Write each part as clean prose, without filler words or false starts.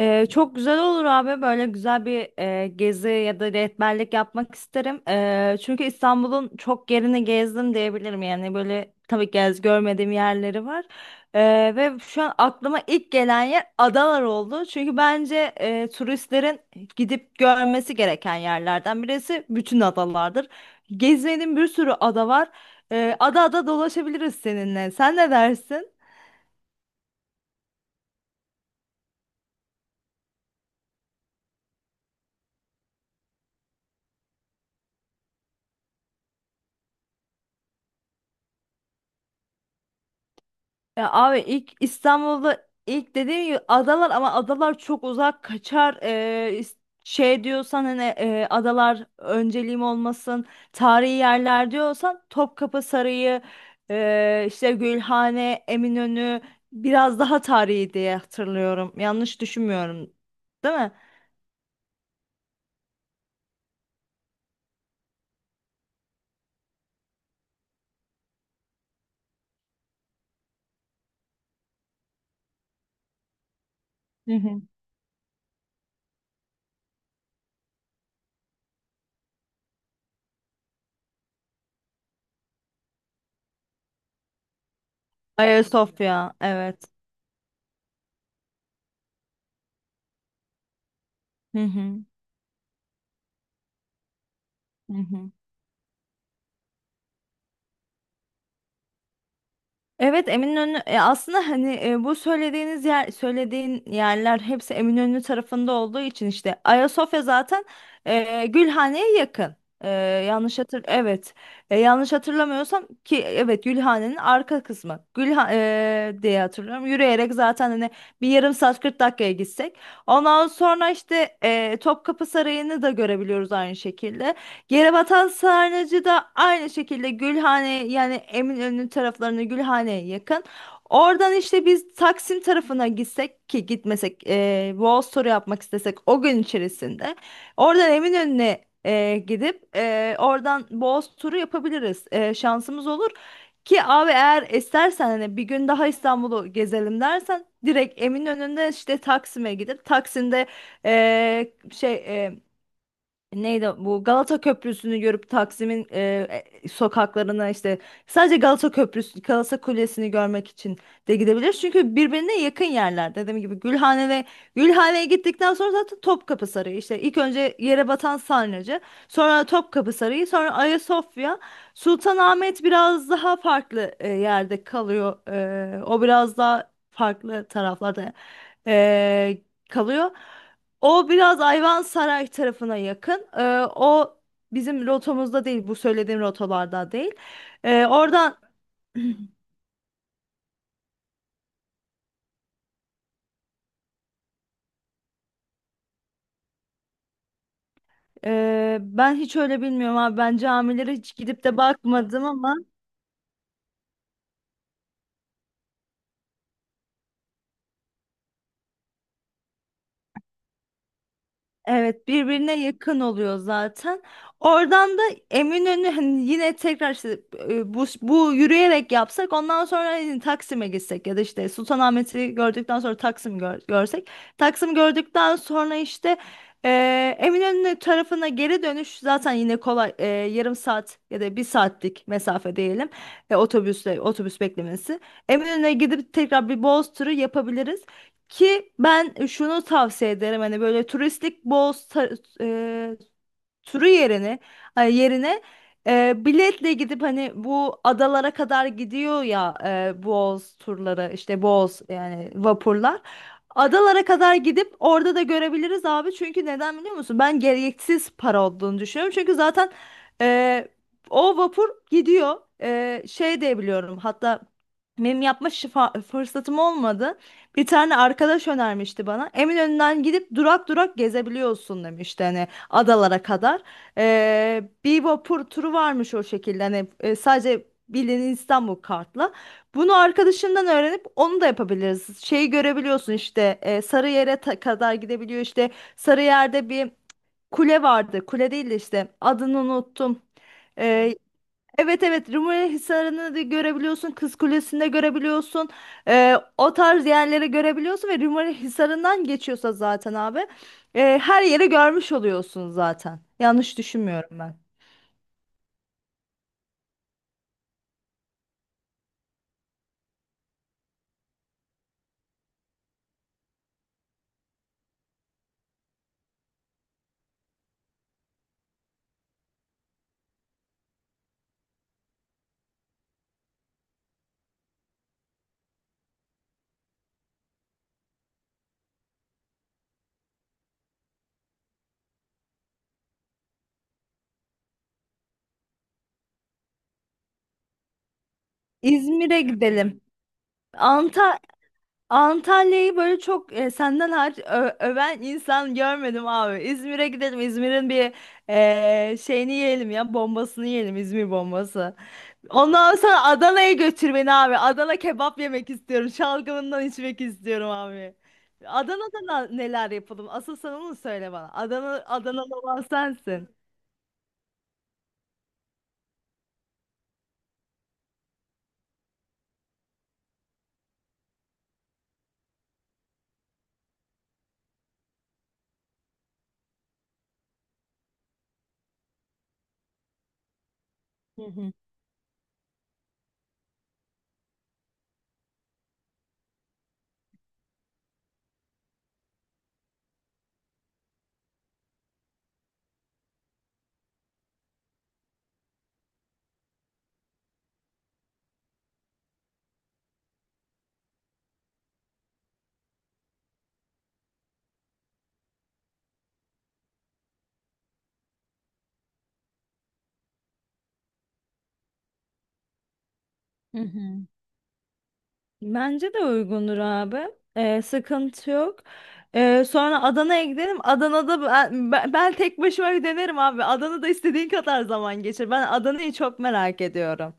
Çok güzel olur abi, böyle güzel bir gezi ya da rehberlik yapmak isterim. Çünkü İstanbul'un çok yerini gezdim diyebilirim, yani böyle tabii görmediğim yerleri var. Ve şu an aklıma ilk gelen yer adalar oldu. Çünkü bence turistlerin gidip görmesi gereken yerlerden birisi bütün adalardır. Gezmediğim bir sürü ada var. Ada ada dolaşabiliriz seninle. Sen ne dersin? Ya abi, ilk İstanbul'da, ilk dediğim gibi adalar, ama adalar çok uzak kaçar. Şey diyorsan, hani adalar önceliğim olmasın, tarihi yerler diyorsan Topkapı Sarayı, işte Gülhane, Eminönü biraz daha tarihi diye hatırlıyorum. Yanlış düşünmüyorum değil mi? Hı hı. Ayasofya, evet. Hı hı. Hı hı. Evet, Eminönü aslında hani bu söylediğin yerler hepsi Eminönü tarafında olduğu için, işte Ayasofya zaten Gülhane'ye yakın. E, yanlış hatır evet. Yanlış hatırlamıyorsam, ki evet, Gülhane'nin arka kısmı diye hatırlıyorum, yürüyerek zaten hani bir yarım saat 40 dakikaya gitsek, ondan sonra işte Topkapı Sarayı'nı da görebiliyoruz aynı şekilde. Yere batan sarnıcı da aynı şekilde Gülhane, yani Eminönü taraflarına, Gülhane'ye yakın. Oradan işte biz Taksim tarafına gitsek ki gitmesek, Boğaz turu yapmak istesek o gün içerisinde. Oradan Eminönü'ne gidip oradan Boğaz turu yapabiliriz. Şansımız olur. Ki abi, eğer istersen hani bir gün daha İstanbul'u gezelim dersen, direkt Eminönü'nde işte Taksim'e gidip, Taksim'de e, şey e, neydi bu, Galata Köprüsü'nü görüp Taksim'in sokaklarına, işte sadece Galata Köprüsü, Galata Kulesi'ni görmek için de gidebilir. Çünkü birbirine yakın yerler. Dediğim gibi Gülhane ve Gülhane'ye gittikten sonra zaten Topkapı Sarayı, işte ilk önce Yere Batan Sarnıcı, sonra Topkapı Sarayı, sonra Ayasofya. Sultanahmet biraz daha farklı yerde kalıyor. O biraz daha farklı taraflarda e, kalıyor. O biraz Ayvansaray tarafına yakın. O bizim rotamızda değil, bu söylediğim rotalarda değil. Oradan ben hiç öyle bilmiyorum abi. Ben camilere hiç gidip de bakmadım ama. Evet, birbirine yakın oluyor zaten. Oradan da Eminönü, hani yine tekrar işte bu yürüyerek yapsak, ondan sonra hani Taksim'e gitsek ya da işte Sultanahmet'i gördükten sonra görsek. Taksim gördükten sonra işte e, Eminönü tarafına geri dönüş zaten yine kolay, yarım saat ya da bir saatlik mesafe diyelim, otobüsle, otobüs beklemesi. Eminönü'ne gidip tekrar bir Boğaz turu yapabiliriz. Ki ben şunu tavsiye ederim, hani böyle turistik bol turu yerine, ay, yerine biletle gidip, hani bu adalara kadar gidiyor ya, Boğaz turları işte, Boğaz yani vapurlar. Adalara kadar gidip orada da görebiliriz abi. Çünkü neden biliyor musun? Ben gereksiz para olduğunu düşünüyorum. Çünkü zaten e, o vapur gidiyor. E, şey de biliyorum hatta, benim fırsatım olmadı. Bir tane arkadaş önermişti bana. Eminönü'nden gidip durak durak gezebiliyorsun demişti. Hani adalara kadar. Bir vapur turu varmış o şekilde. Hani sadece bildiğin İstanbul kartla. Bunu arkadaşından öğrenip onu da yapabiliriz. Şeyi görebiliyorsun işte, Sarıyer'e kadar gidebiliyor işte, Sarıyer'de bir kule vardı. Kule değil de işte, adını unuttum. Ee, Evet evet, Rumeli Hisarı'nı da görebiliyorsun, Kız Kulesi'ni de görebiliyorsun. O tarz yerleri görebiliyorsun ve Rumeli Hisarı'ndan geçiyorsa zaten abi, her yeri görmüş oluyorsun zaten. Yanlış düşünmüyorum ben. İzmir'e gidelim. Anta Antalya'yı böyle çok senden hariç öven insan görmedim abi. İzmir'e gidelim. İzmir'in bir şeyini yiyelim, ya bombasını yiyelim, İzmir bombası. Ondan sonra Adana'ya götür beni abi. Adana kebap yemek istiyorum. Şalgamından içmek istiyorum abi. Adana'da neler yapalım? Asıl sen onu söyle bana. Adana, Adanalı olan sensin. Hı hı. Hı hı. Bence de uygundur abi. Sıkıntı yok. Sonra Adana'ya gidelim. Adana'da ben tek başıma bir denerim abi. Adana'da istediğin kadar zaman geçir. Ben Adana'yı çok merak ediyorum.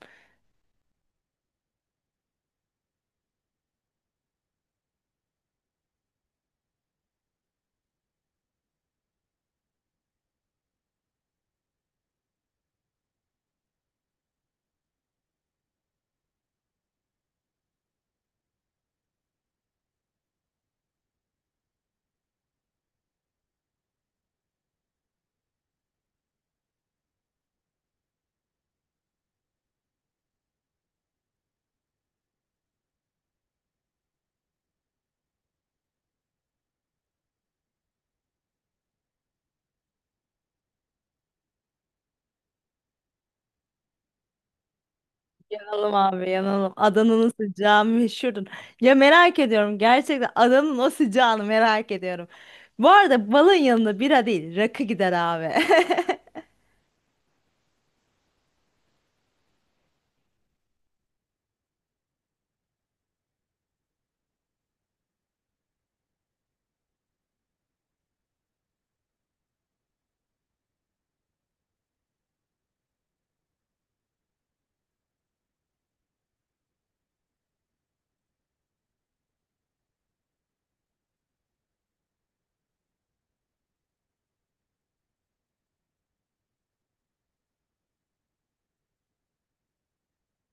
Yanalım abi, yanalım. Adana'nın sıcağı meşhurdur. Ya merak ediyorum, gerçekten Adana'nın o sıcağını merak ediyorum. Bu arada balın yanında bira değil, rakı gider abi.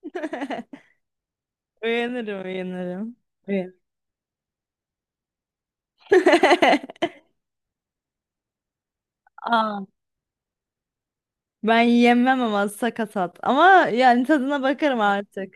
Uyanırım, uyanırım. Uyan. Aa, ben yemem ama sakatat. Ama yani tadına bakarım artık.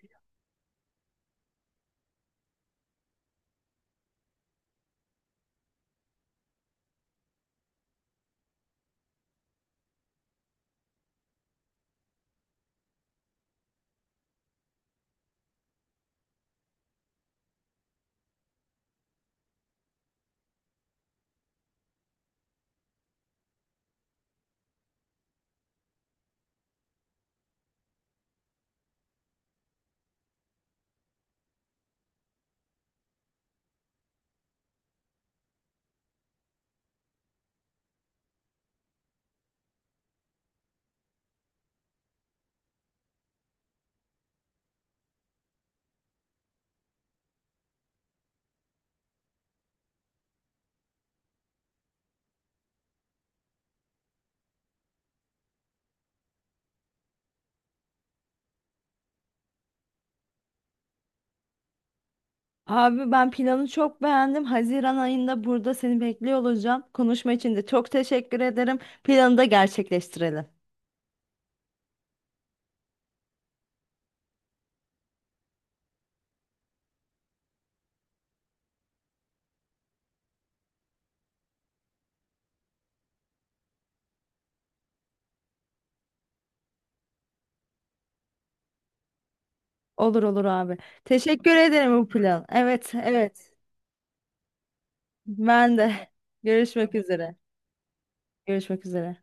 Abi ben planı çok beğendim. Haziran ayında burada seni bekliyor olacağım. Konuşma için de çok teşekkür ederim. Planı da gerçekleştirelim. Olur olur abi. Teşekkür ederim bu plan. Evet, evet. Ben de. Görüşmek üzere. Görüşmek üzere.